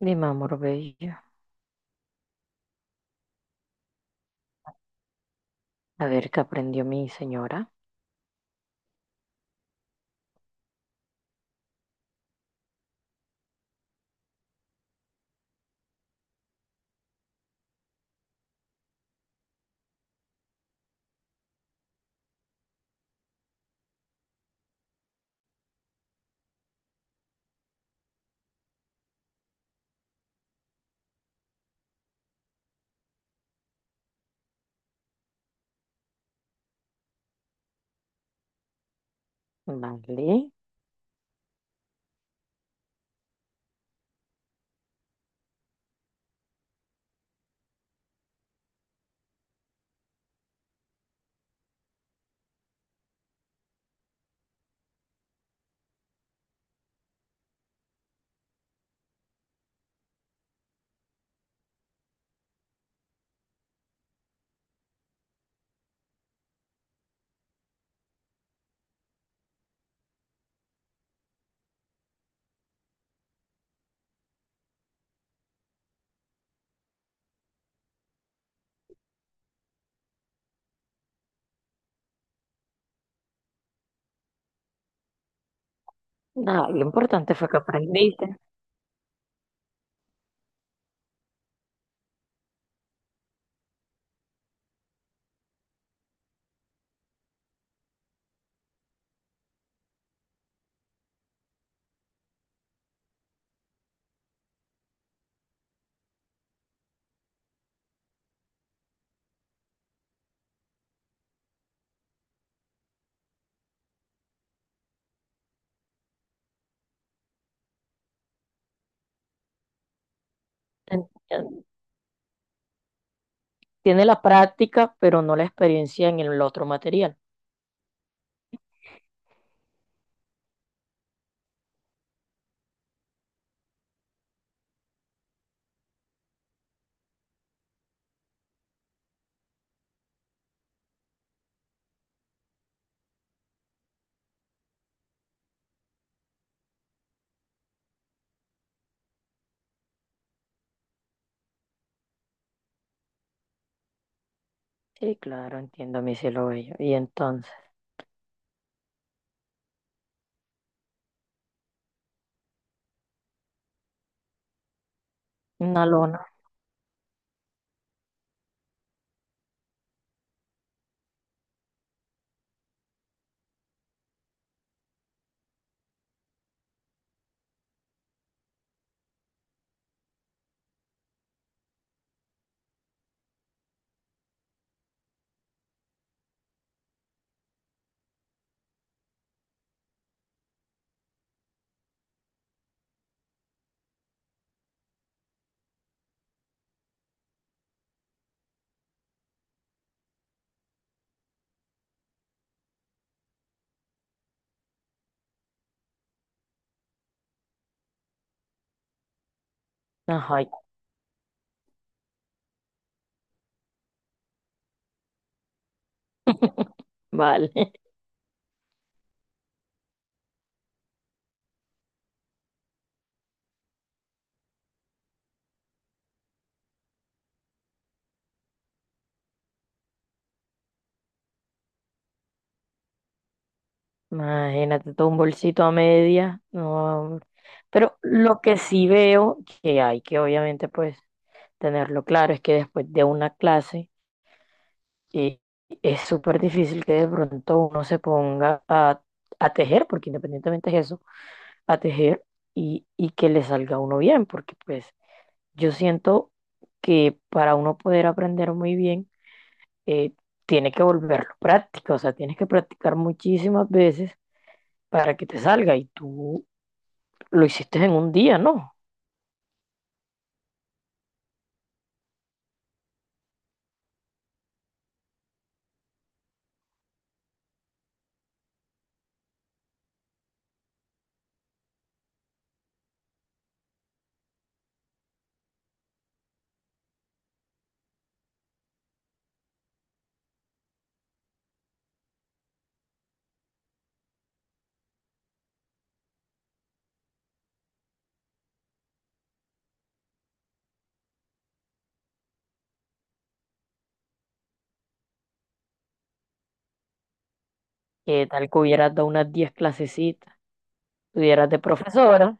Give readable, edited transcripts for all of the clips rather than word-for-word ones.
Mi amor bello. A ver qué aprendió mi señora. Vale. Nada, lo importante fue que aprendiste. En- en- Tiene la práctica, pero no la experiencia en el otro material. Sí, claro, entiendo, mi cielo bello. Y entonces, una lona. Ajá, vale. Imagínate todo un bolsito a media. No. Pero lo que sí veo que hay que obviamente pues tenerlo claro es que después de una clase. Y es súper difícil que de pronto uno se ponga a tejer, porque independientemente es eso, a tejer y que le salga a uno bien, porque pues yo siento que para uno poder aprender muy bien, eh, tiene que volverlo práctica, o sea, tienes que practicar muchísimas veces para que te salga y tú lo hiciste en un día, ¿no? Tal que hubieras dado unas 10 clasecitas, tuvieras de profesora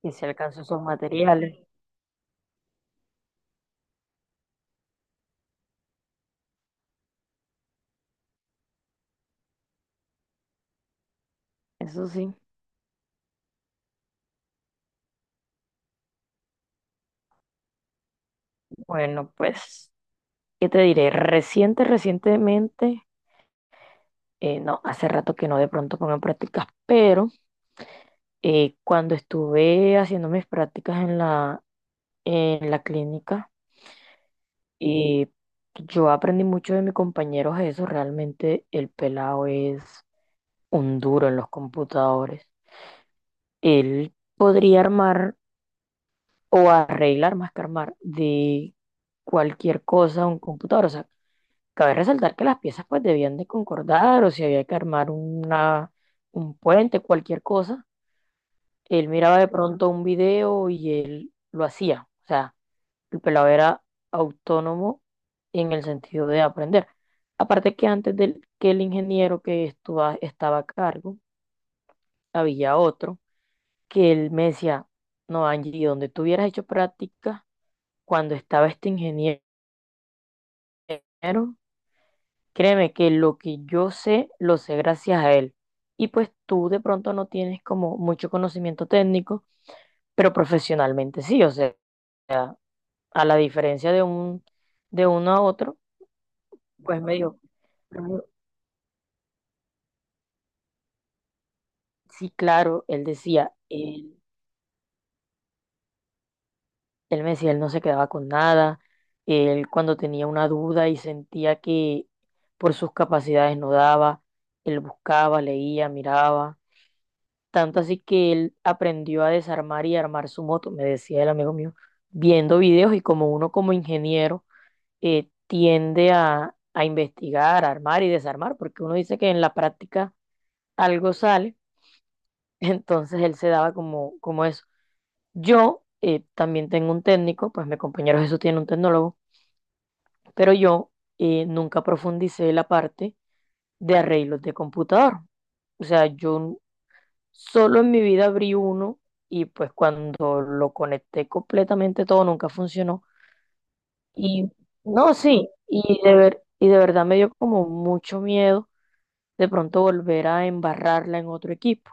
y se alcanzó esos materiales, eso sí. Bueno, pues ¿qué te diré? Recientemente, no, hace rato que no de pronto pongo en prácticas, pero cuando estuve haciendo mis prácticas en la, clínica, eh, yo aprendí mucho de mis compañeros eso. Realmente el pelado es un duro en los computadores. Él podría armar o arreglar más que armar de cualquier cosa un computador. O sea, cabe resaltar que las piezas pues debían de concordar o si había que armar un puente, cualquier cosa. Él miraba de pronto un video y él lo hacía. O sea, el pelado era autónomo en el sentido de aprender. Aparte que antes del que el ingeniero que estaba a cargo, había otro que él me decía, no, Angie, donde tú hubieras hecho práctica cuando estaba este ingeniero, créeme que lo que yo sé, lo sé gracias a él. Y pues tú de pronto no tienes como mucho conocimiento técnico, pero profesionalmente sí, o sea, a la diferencia de uno a otro, pues me dijo, sí, claro, él decía, él me decía, él no se quedaba con nada, él cuando tenía una duda y sentía que por sus capacidades no daba, él buscaba, leía, miraba. Tanto así que él aprendió a desarmar y armar su moto, me decía el amigo mío, viendo videos y como uno como ingeniero tiende a investigar, armar y desarmar, porque uno dice que en la práctica algo sale, entonces él se daba como eso. Yo también tengo un técnico, pues mi compañero Jesús tiene un tecnólogo, pero yo nunca profundicé la parte de arreglos de computador. O sea, yo solo en mi vida abrí uno y pues cuando lo conecté completamente todo nunca funcionó. Y no, sí, y de ver, y de verdad me dio como mucho miedo de pronto volver a embarrarla en otro equipo.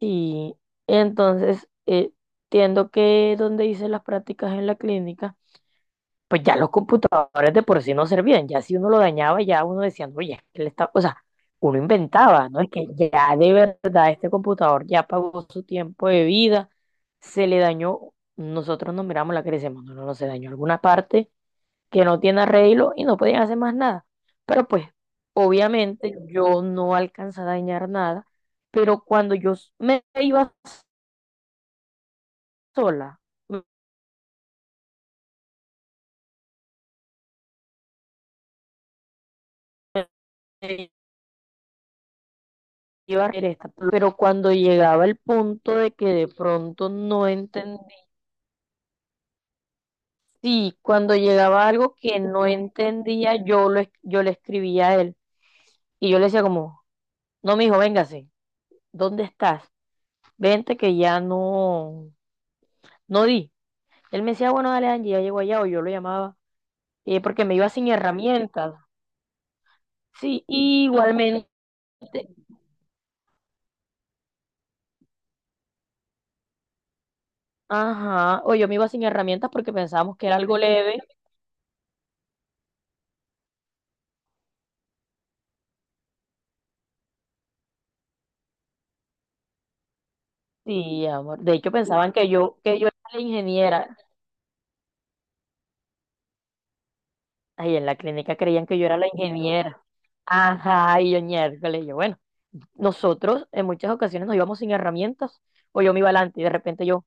Y entonces entiendo que donde hice las prácticas en la clínica, pues ya los computadores de por sí no servían, ya si uno lo dañaba, ya uno decía, no, oye, es que él está, o sea, uno inventaba, ¿no? Es que ya de verdad este computador ya pagó su tiempo de vida, se le dañó, nosotros nos miramos la cara y decimos, no, no, no, se dañó alguna parte que no tiene arreglo y no podían hacer más nada. Pero pues, obviamente yo no alcanza a dañar nada, pero cuando yo me iba sola, iba a hacer esta, pero cuando llegaba el punto de que de pronto no entendía, sí, cuando llegaba algo que no entendía, yo le escribía a él y yo le decía como, no, mijo, véngase, ¿dónde estás? Vente que ya no, no di. Él me decía, bueno, dale, Angie, ya llego allá, o yo lo llamaba, porque me iba sin herramientas. Sí, y igualmente, ajá, o yo me iba sin herramientas porque pensábamos que era algo leve. Sí, amor. De hecho, pensaban que yo era la ingeniera. Ahí en la clínica creían que yo era la ingeniera. Ajá, y yo miércoles, bueno, nosotros en muchas ocasiones nos íbamos sin herramientas, o yo me iba adelante y de repente yo,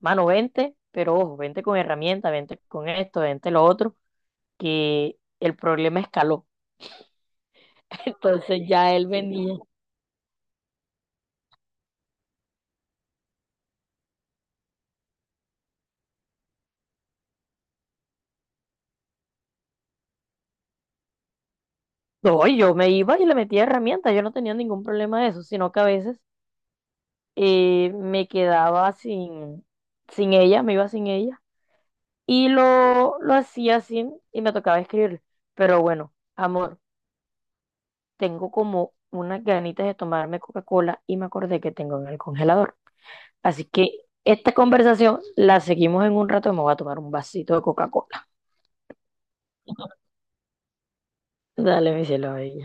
mano, vente, pero ojo, vente con herramientas, vente con esto, vente lo otro, que el problema escaló. Entonces ya él venía. No, yo me iba y le metía herramientas, yo no tenía ningún problema de eso, sino que a veces me quedaba sin, ella, me iba sin ella. Y lo hacía así y me tocaba escribirle. Pero bueno, amor, tengo como unas ganitas de tomarme Coca-Cola y me acordé que tengo en el congelador. Así que esta conversación la seguimos en un rato y me voy a tomar un vasito de Coca-Cola. Dale, mi cielo. Ahí.